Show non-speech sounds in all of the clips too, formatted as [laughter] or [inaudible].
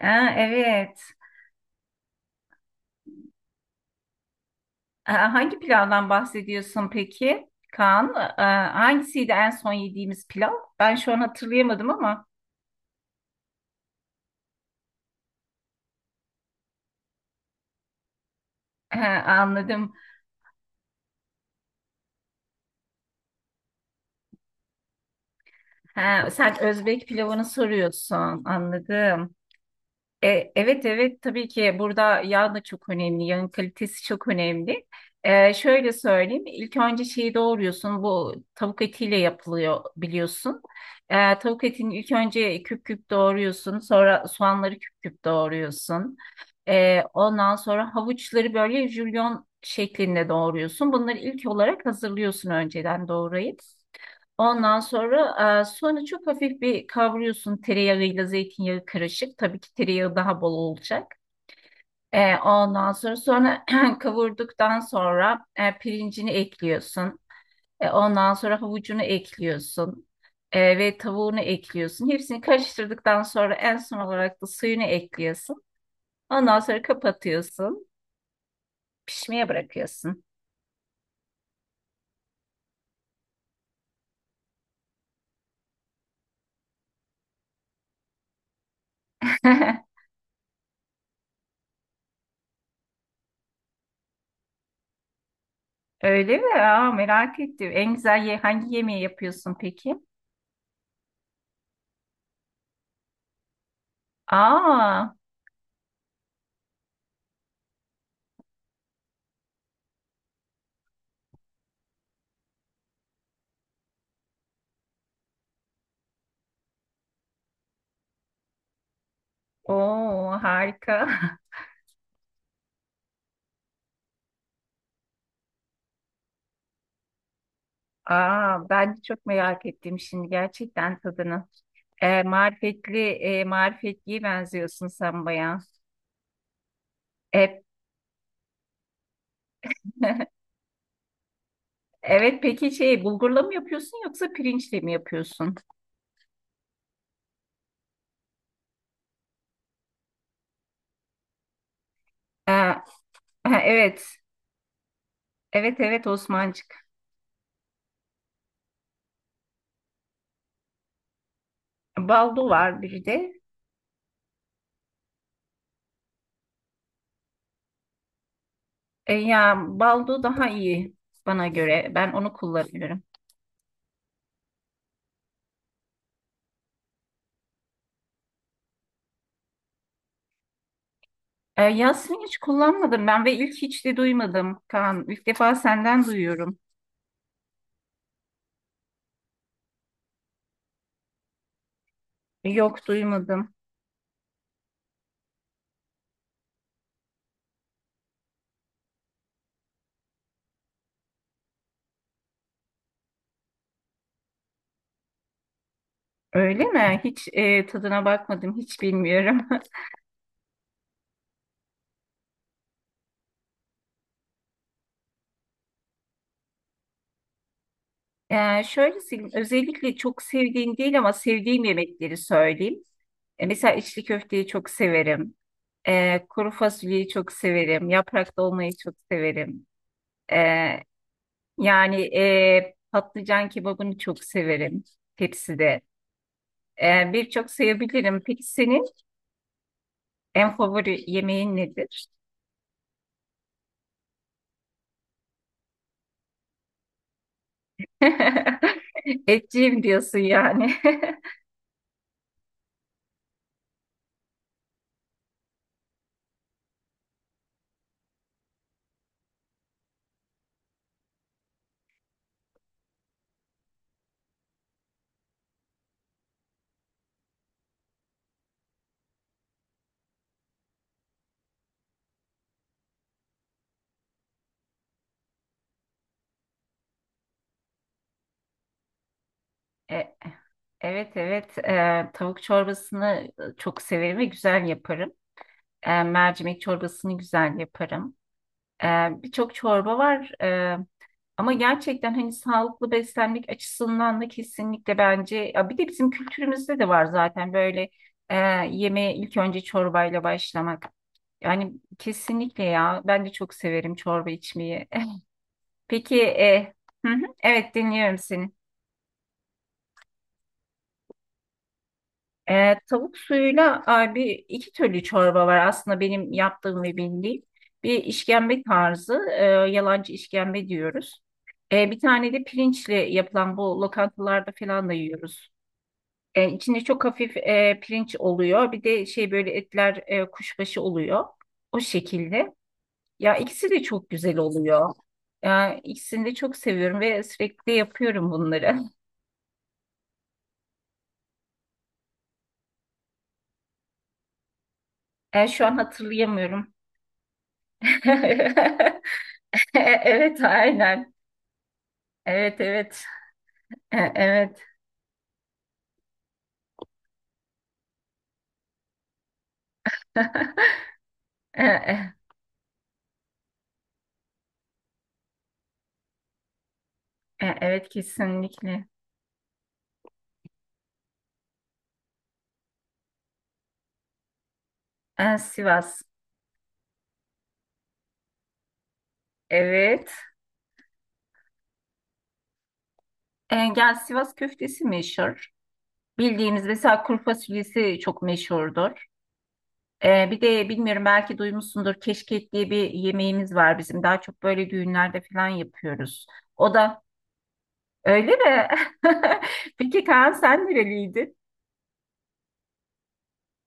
Aa, evet. Aa, hangi pilavdan bahsediyorsun peki Kaan? Aa, hangisiydi en son yediğimiz pilav? Ben şu an hatırlayamadım ama Ha, anladım. Ha, sen Özbek pilavını soruyorsun. Anladım. Evet, evet, tabii ki burada yağ da çok önemli, yağın kalitesi çok önemli. Şöyle söyleyeyim, ilk önce şeyi doğruyorsun, bu tavuk etiyle yapılıyor biliyorsun. Tavuk etini ilk önce küp küp doğruyorsun, sonra soğanları küp küp doğruyorsun. Ondan sonra havuçları böyle jülyon şeklinde doğruyorsun. Bunları ilk olarak hazırlıyorsun önceden doğrayıp. Ondan sonra çok hafif bir kavuruyorsun tereyağıyla zeytinyağı karışık. Tabii ki tereyağı daha bol olacak. Ondan sonra [clears throat] kavurduktan sonra pirincini ekliyorsun. Ondan sonra havucunu ekliyorsun. Ve tavuğunu ekliyorsun. Hepsini karıştırdıktan sonra en son olarak da suyunu ekliyorsun. Ondan sonra kapatıyorsun. Pişmeye bırakıyorsun. [laughs] Öyle mi? Aa, merak ettim. En güzel hangi yemeği yapıyorsun peki? Aa. Oo, harika. [laughs] Aa, ben de çok merak ettim şimdi gerçekten tadını. Marifetliye benziyorsun sen bayağı. E, [laughs] evet, peki şey bulgurla mı yapıyorsun yoksa pirinçle mi yapıyorsun? Ha, [laughs] evet, evet, evet, Osmancık. Baldo var bir de. Ya, baldo daha iyi bana göre. Ben onu kullanıyorum. Yasmin hiç kullanmadım ben ve ilk hiç de duymadım Kaan. İlk defa senden duyuyorum. Yok, duymadım. Öyle mi? Hiç tadına bakmadım, hiç bilmiyorum. [laughs] Şöyle söyleyeyim, özellikle çok sevdiğim değil ama sevdiğim yemekleri söyleyeyim. Mesela içli köfteyi çok severim. Kuru fasulyeyi çok severim. Yaprak dolmayı çok severim. E, Yani patlıcan kebabını çok severim tepside. Birçok sayabilirim. Peki senin en favori yemeğin nedir? [laughs] Etçiyim diyorsun yani. [laughs] E, Evet, evet, tavuk çorbasını çok severim ve güzel yaparım. Mercimek çorbasını güzel yaparım. Ee, Birçok çorba var, ama gerçekten hani sağlıklı beslenmek açısından da kesinlikle bence ya bir de bizim kültürümüzde de var zaten böyle e, yemeğe ilk önce çorbayla başlamak. Yani kesinlikle, ya ben de çok severim çorba içmeyi. [laughs] Peki, hı hı, evet, dinliyorum seni. Tavuk suyuyla ay, bir iki türlü çorba var aslında benim yaptığım ve bildiğim. Bir işkembe tarzı, yalancı işkembe diyoruz. Bir tane de pirinçle yapılan bu lokantalarda falan da yiyoruz. İçinde çok hafif pirinç oluyor. Bir de şey böyle etler, kuşbaşı oluyor. O şekilde. Ya, ikisi de çok güzel oluyor. Ya, ikisini de çok seviyorum ve sürekli yapıyorum bunları. Şu an hatırlayamıyorum. [laughs] Evet, aynen. Evet, evet. Evet. [laughs] E, e, evet, kesinlikle. Sivas. Evet. Gel, Sivas köftesi meşhur. Bildiğimiz mesela kuru fasulyesi çok meşhurdur. Bir de bilmiyorum belki duymuşsundur, keşkek diye bir yemeğimiz var bizim. Daha çok böyle düğünlerde falan yapıyoruz. O da öyle mi? [laughs] Peki Kaan, sen nereliydin?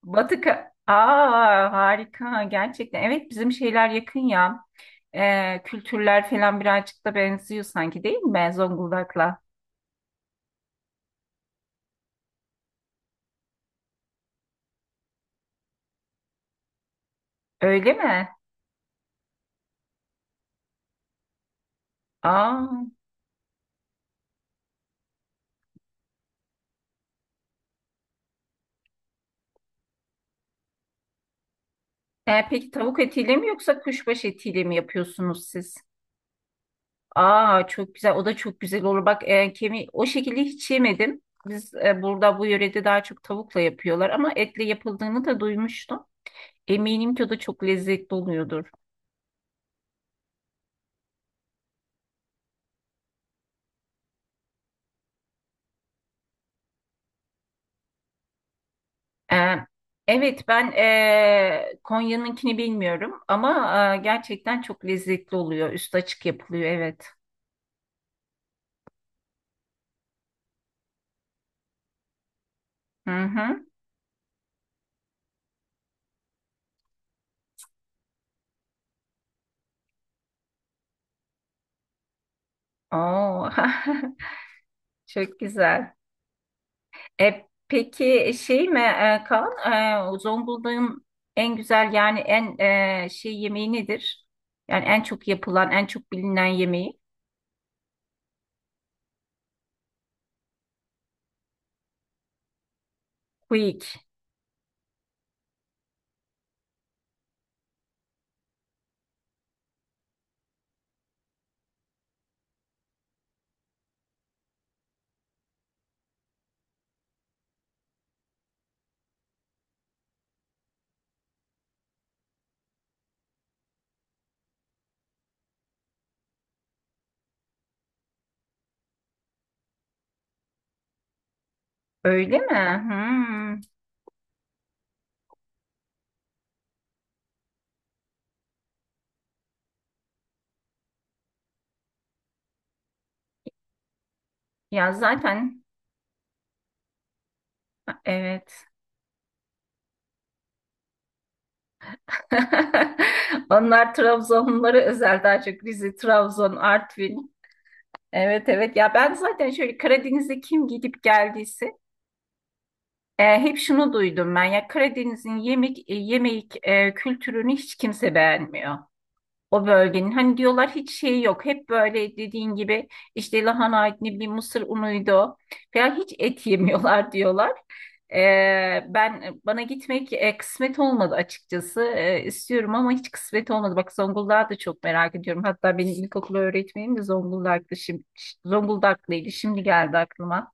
Aa, harika gerçekten. Evet, bizim şeyler yakın ya. Kültürler falan birazcık da benziyor sanki, değil mi Zonguldak'la? Öyle mi? Aa, peki tavuk etiyle mi yoksa kuşbaşı etiyle mi yapıyorsunuz siz? Aa, çok güzel, o da çok güzel olur. Bak, kemiği o şekilde hiç yemedim. Biz burada bu yörede daha çok tavukla yapıyorlar ama etle yapıldığını da duymuştum. Eminim ki o da çok lezzetli oluyordur. E, evet, ben Konya'nınkini bilmiyorum ama gerçekten çok lezzetli oluyor. Üstü açık yapılıyor, evet. Hı hı. Oo. [laughs] Çok güzel. Peki şey mi, Kaan? Zonguldak'ın en güzel, yani en şey yemeği nedir? Yani en çok yapılan, en çok bilinen yemeği. Quick. Öyle mi? Hmm. Ya, zaten evet. [laughs] Onlar Trabzonlulara özel, daha çok Rize, Trabzon, Artvin. Evet, evet, ya ben zaten şöyle Karadeniz'e kim gidip geldiyse hep şunu duydum ben, ya Karadeniz'in yemek kültürünü hiç kimse beğenmiyor. O bölgenin, hani diyorlar, hiç şey yok. Hep böyle dediğin gibi işte lahana, ne bir mısır unuydu falan, hiç et [laughs] yemiyorlar diyorlar. Ben gitmek kısmet olmadı açıkçası. İstiyorum ama hiç kısmet olmadı. Bak, Zonguldak'ı da çok merak ediyorum. Hatta benim ilkokul öğretmenim de Zonguldak'tı, şimdi Zonguldaklıydı. Şimdi geldi aklıma.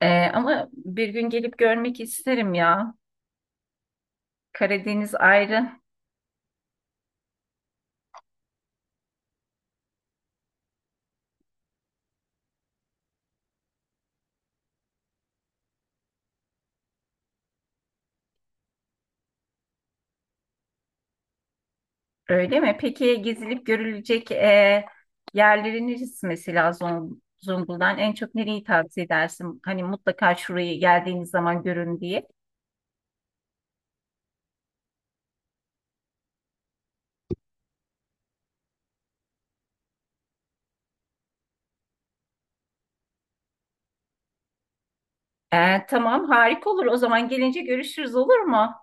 Ama bir gün gelip görmek isterim ya. Karadeniz ayrı. Öyle mi? Peki gezilip görülecek, yerleri neresi mesela, Zonguldak'ın en çok nereyi tavsiye edersin? Hani mutlaka şurayı geldiğiniz zaman görün diye. Tamam, harika olur. O zaman gelince görüşürüz, olur mu?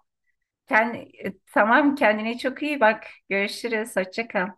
Kend- tamam, kendine çok iyi bak. Görüşürüz. Hoşça kal.